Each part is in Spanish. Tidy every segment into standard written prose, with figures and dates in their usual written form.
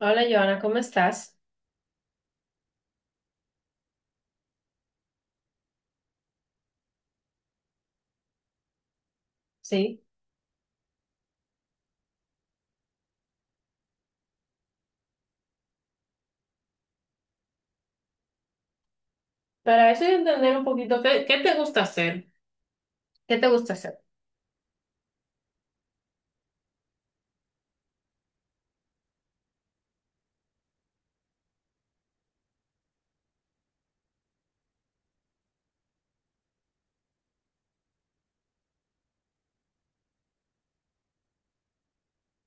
Hola, Joana, ¿cómo estás? Sí, para eso yo entender un poquito, ¿qué te gusta hacer? ¿Qué te gusta hacer?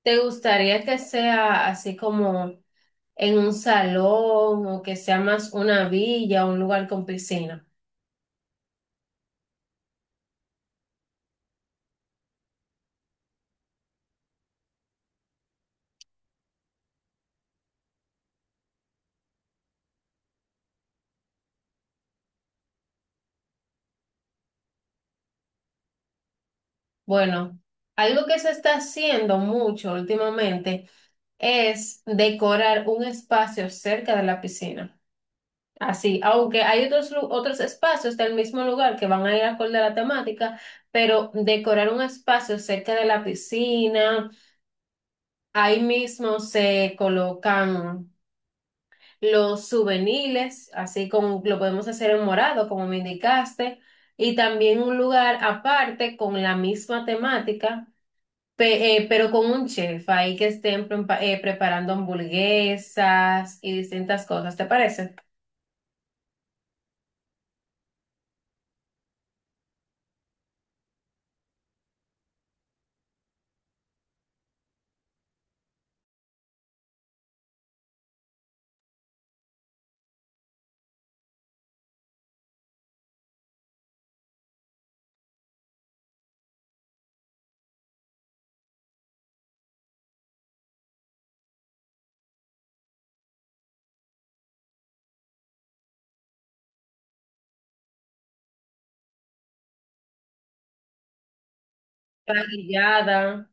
¿Te gustaría que sea así como en un salón o que sea más una villa o un lugar con piscina? Bueno, algo que se está haciendo mucho últimamente es decorar un espacio cerca de la piscina. Así, aunque hay otros espacios del mismo lugar que van a ir acorde a la temática, pero decorar un espacio cerca de la piscina. Ahí mismo se colocan los juveniles, así como lo podemos hacer en morado, como me indicaste, y también un lugar aparte con la misma temática, pero con un chef ahí que estén preparando hamburguesas y distintas cosas, ¿te parece? Parrillada.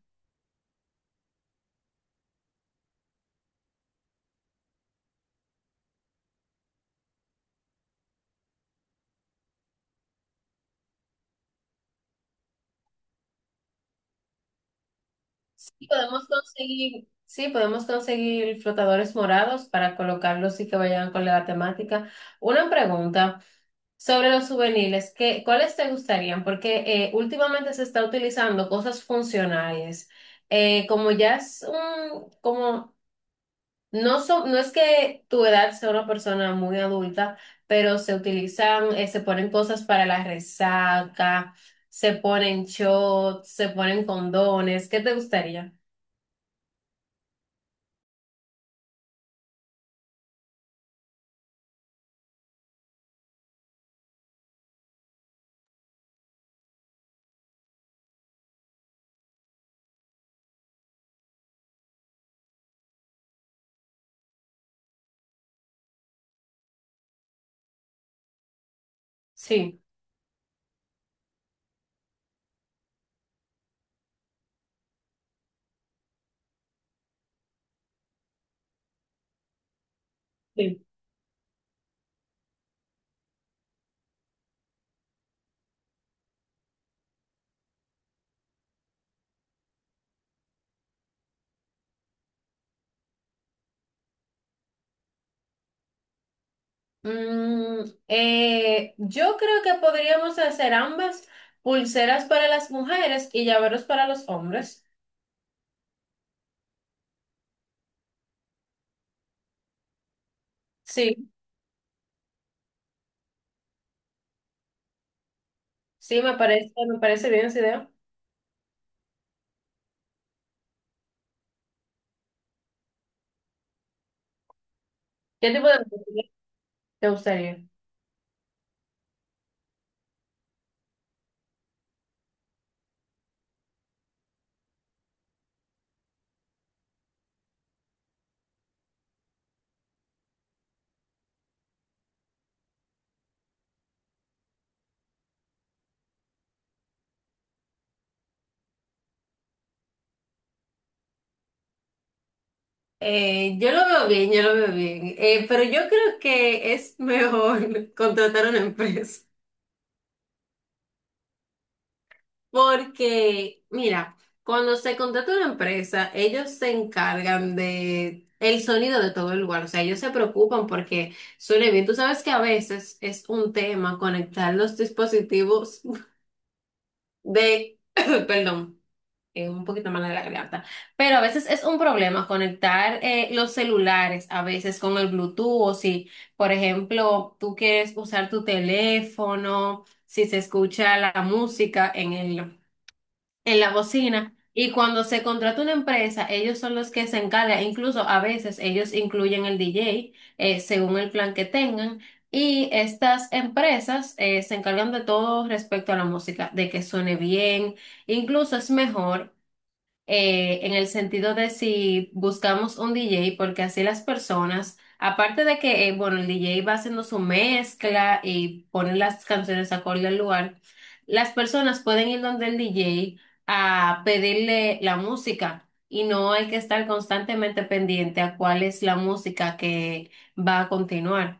Y podemos conseguir, sí, podemos conseguir flotadores morados para colocarlos y que vayan con la temática. Una pregunta. Sobre los juveniles, cuáles te gustarían? Porque últimamente se está utilizando cosas funcionales. Como ya es un, como, no es que tu edad sea una persona muy adulta, pero se utilizan, se ponen cosas para la resaca, se ponen shots, se ponen condones. ¿Qué te gustaría? Sí. Sí. Mm, yo creo que podríamos hacer ambas, pulseras para las mujeres y llaveros para los hombres. Sí, sí, me parece bien esa idea. ¿Qué tipo de música te gustaría? Yo lo veo bien, yo lo veo bien. Pero yo creo que es mejor contratar una empresa. Porque, mira, cuando se contrata una empresa, ellos se encargan de el sonido de todo el lugar. O sea, ellos se preocupan porque suene bien. Tú sabes que a veces es un tema conectar los dispositivos de, perdón, un poquito mal de la garganta, pero a veces es un problema conectar los celulares, a veces con el Bluetooth, o si, por ejemplo, tú quieres usar tu teléfono, si se escucha la música en la bocina. Y cuando se contrata una empresa, ellos son los que se encargan, incluso a veces ellos incluyen el DJ , según el plan que tengan. Y estas empresas se encargan de todo respecto a la música, de que suene bien. Incluso es mejor en el sentido de si buscamos un DJ, porque así las personas, aparte de que, bueno, el DJ va haciendo su mezcla y pone las canciones acorde al lugar, las personas pueden ir donde el DJ a pedirle la música y no hay que estar constantemente pendiente a cuál es la música que va a continuar.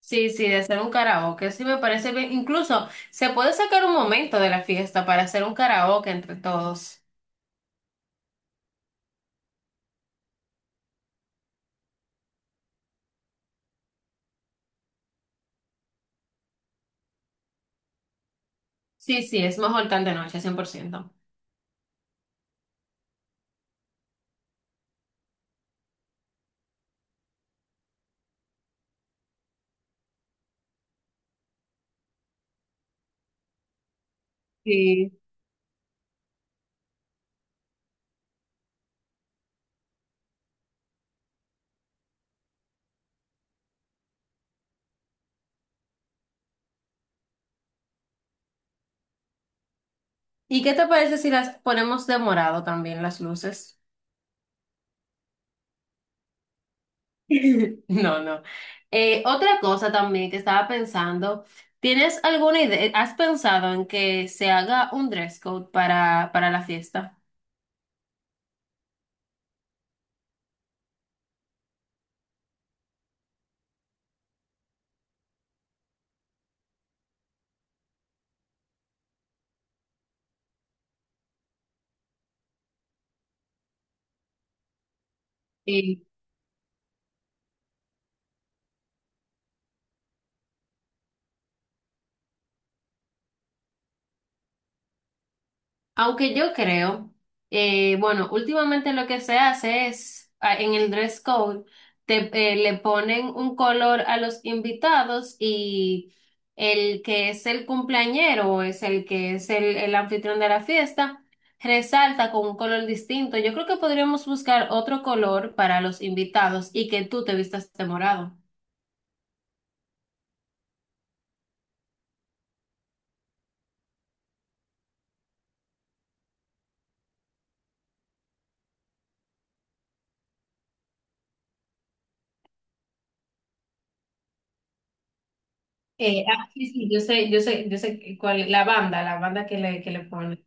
Sí, sí, de hacer un karaoke, sí me parece bien. Incluso se puede sacar un momento de la fiesta para hacer un karaoke entre todos. Sí, sí, es mejor tal de noche, 100%. Sí. ¿Y qué te parece si las ponemos de morado también las luces? No, no. Otra cosa también que estaba pensando, ¿tienes alguna idea? ¿Has pensado en que se haga un dress code para la fiesta? Aunque yo creo, bueno, últimamente lo que se hace es, ah, en el dress code, le ponen un color a los invitados y el que es el cumpleañero o es el que es el anfitrión de la fiesta, resalta con un color distinto. Yo creo que podríamos buscar otro color para los invitados y que tú te vistas de morado. Sí, sí, yo sé cuál, la banda que le ponen.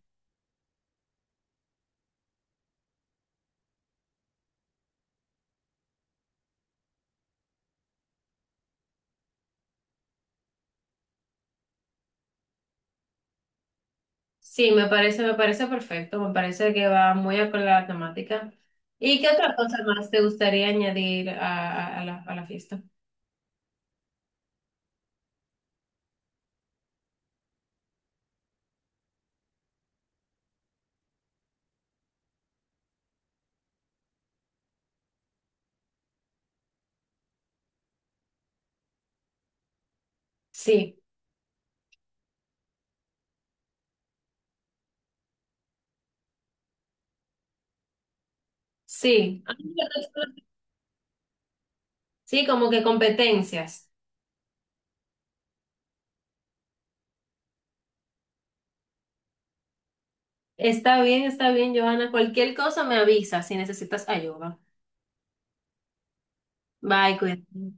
Sí, me parece perfecto, me parece que va muy acorde a la temática. ¿Y qué otra cosa más te gustaría añadir a la fiesta? Sí, sí, sí, como que competencias. Está bien, Johanna. Cualquier cosa me avisa si necesitas ayuda. Bye, cuídate.